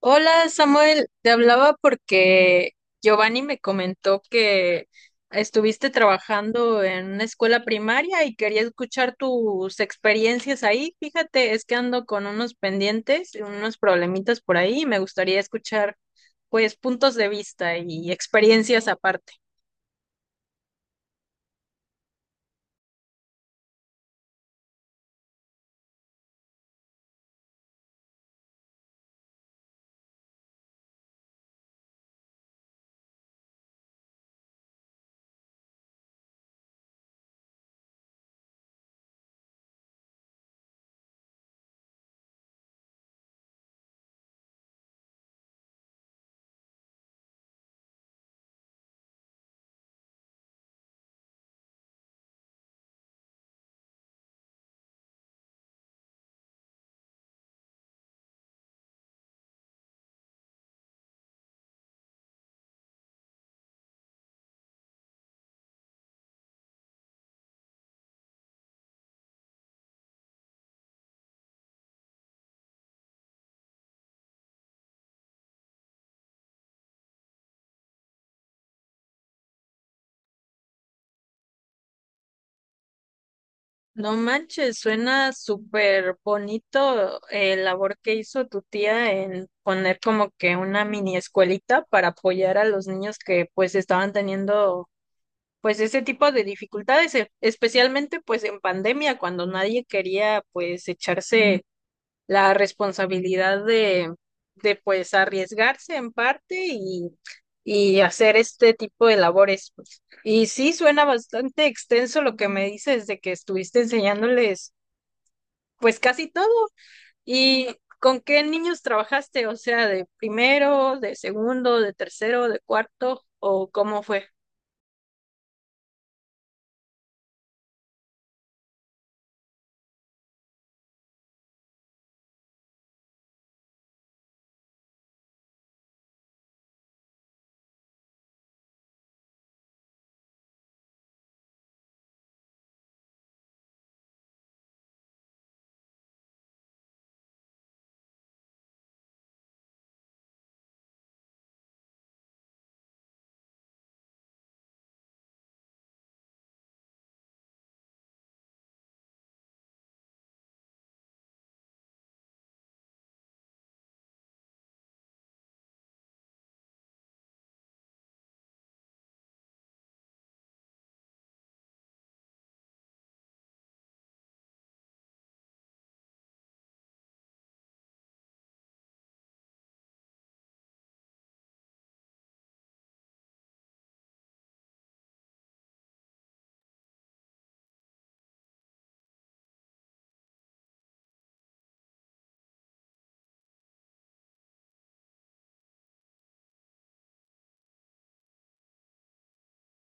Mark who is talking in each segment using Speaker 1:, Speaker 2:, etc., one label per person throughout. Speaker 1: Hola Samuel, te hablaba porque Giovanni me comentó que estuviste trabajando en una escuela primaria y quería escuchar tus experiencias ahí. Fíjate, es que ando con unos pendientes y unos problemitas por ahí y me gustaría escuchar pues puntos de vista y experiencias aparte. No manches, suena súper bonito el labor que hizo tu tía en poner como que una mini escuelita para apoyar a los niños que pues estaban teniendo pues ese tipo de dificultades, especialmente pues en pandemia cuando nadie quería pues echarse la responsabilidad de pues arriesgarse en parte y hacer este tipo de labores pues. Y sí, suena bastante extenso lo que me dices de que estuviste enseñándoles pues casi todo. ¿Y con qué niños trabajaste? O sea, ¿de primero, de segundo, de tercero, de cuarto, o cómo fue?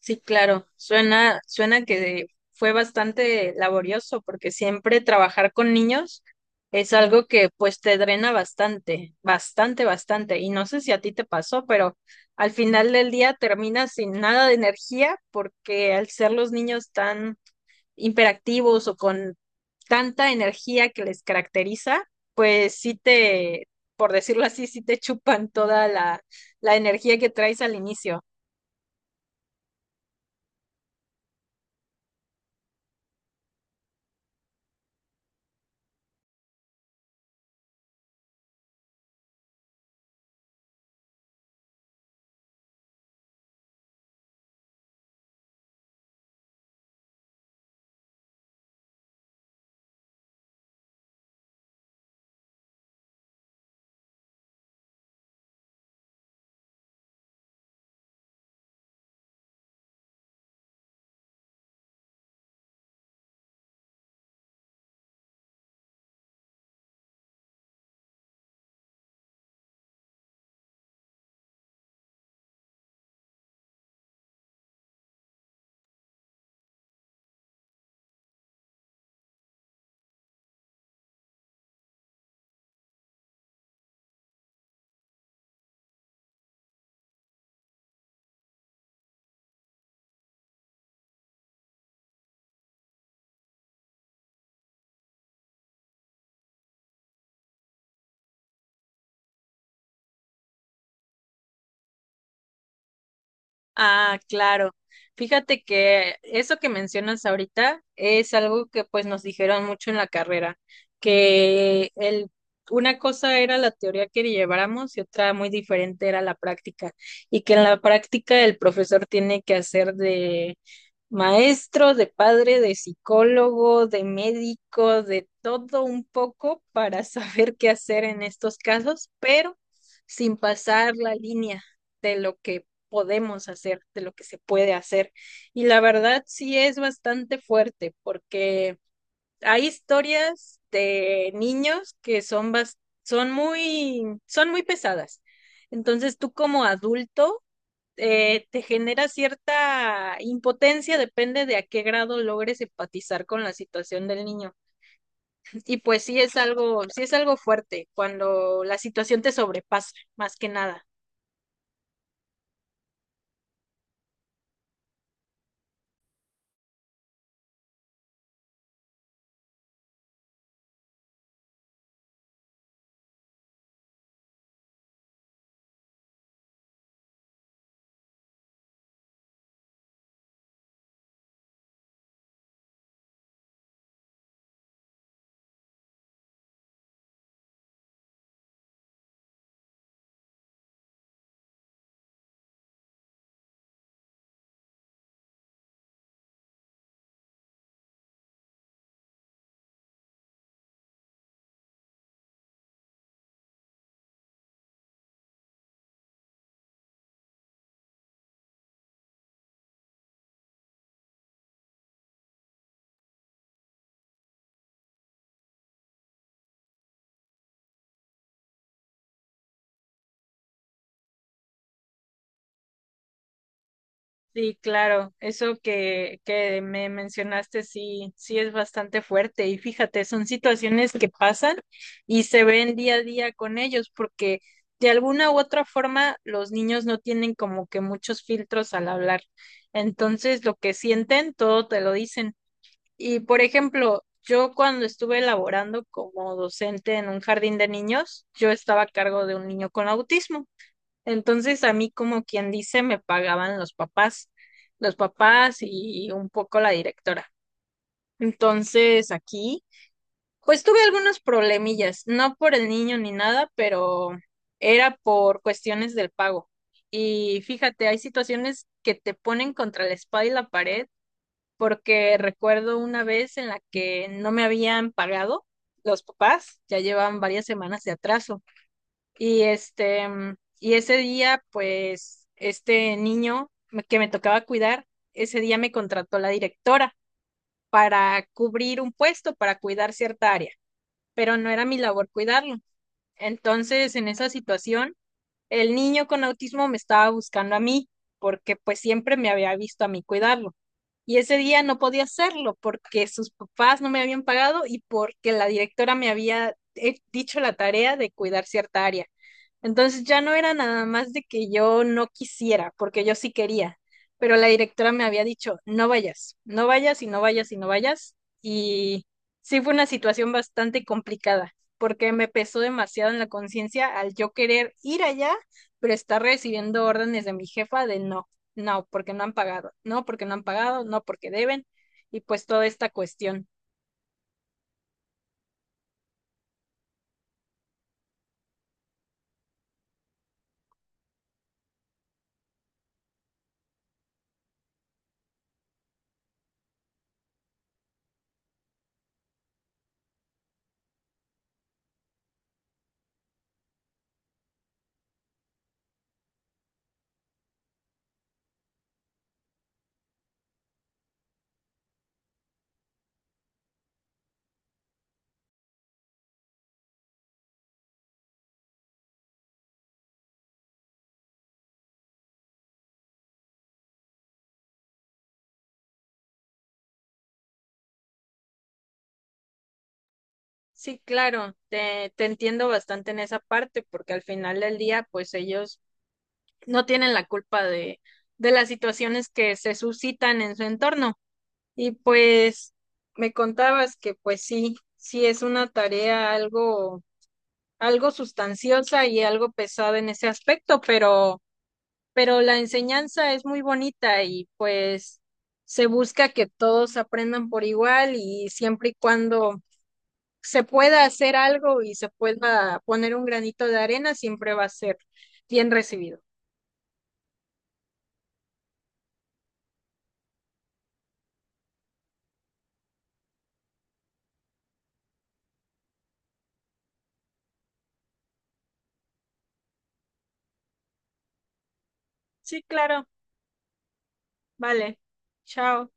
Speaker 1: Sí, claro, suena, que fue bastante laborioso porque siempre trabajar con niños es algo que pues te drena bastante, bastante, bastante. Y no sé si a ti te pasó, pero al final del día terminas sin nada de energía porque al ser los niños tan hiperactivos o con tanta energía que les caracteriza, pues sí te, por decirlo así, sí te chupan toda la energía que traes al inicio. Ah, claro. Fíjate que eso que mencionas ahorita es algo que pues nos dijeron mucho en la carrera, que el, una cosa era la teoría que lleváramos y otra muy diferente era la práctica, y que en la práctica el profesor tiene que hacer de maestro, de padre, de psicólogo, de médico, de todo un poco para saber qué hacer en estos casos, pero sin pasar la línea de lo que podemos hacer, de lo que se puede hacer. Y la verdad sí es bastante fuerte porque hay historias de niños que son, son muy pesadas. Entonces tú como adulto te genera cierta impotencia, depende de a qué grado logres empatizar con la situación del niño. Y pues sí es algo fuerte cuando la situación te sobrepasa, más que nada. Sí, claro, eso que me mencionaste, sí, sí es bastante fuerte y fíjate, son situaciones que pasan y se ven día a día con ellos porque de alguna u otra forma los niños no tienen como que muchos filtros al hablar. Entonces, lo que sienten, todo te lo dicen. Y por ejemplo, yo cuando estuve elaborando como docente en un jardín de niños, yo estaba a cargo de un niño con autismo. Entonces a mí, como quien dice, me pagaban los papás, y un poco la directora. Entonces aquí, pues tuve algunos problemillas, no por el niño ni nada, pero era por cuestiones del pago. Y fíjate, hay situaciones que te ponen contra la espada y la pared, porque recuerdo una vez en la que no me habían pagado los papás, ya llevaban varias semanas de atraso. Y este, y ese día, pues, este que me tocaba cuidar, ese día me contrató la directora para cubrir un puesto, para cuidar cierta área, pero no era mi labor cuidarlo. Entonces, en esa situación, el niño con autismo me estaba buscando a mí, porque pues siempre me había visto a mí cuidarlo. Y ese día no podía hacerlo porque sus papás no me habían pagado y porque la directora me había dicho la tarea de cuidar cierta área. Entonces ya no era nada más de que yo no quisiera, porque yo sí quería, pero la directora me había dicho, no vayas, no vayas y no vayas y no vayas. Y sí fue una situación bastante complicada porque me pesó demasiado en la conciencia al yo querer ir allá pero está recibiendo órdenes de mi jefa de no, no, porque no han pagado, no, porque no han pagado, no, porque deben, y pues toda esta cuestión. Sí, claro, te entiendo bastante en esa parte, porque al final del día, pues ellos no tienen la culpa de las situaciones que se suscitan en su entorno. Y pues me contabas que pues sí, sí es una tarea algo, algo sustanciosa y algo pesada en ese aspecto, pero la enseñanza es muy bonita y pues se busca que todos aprendan por igual y siempre y cuando se pueda hacer algo y se pueda poner un granito de arena, siempre va a ser bien recibido. Sí, claro, vale. Chao.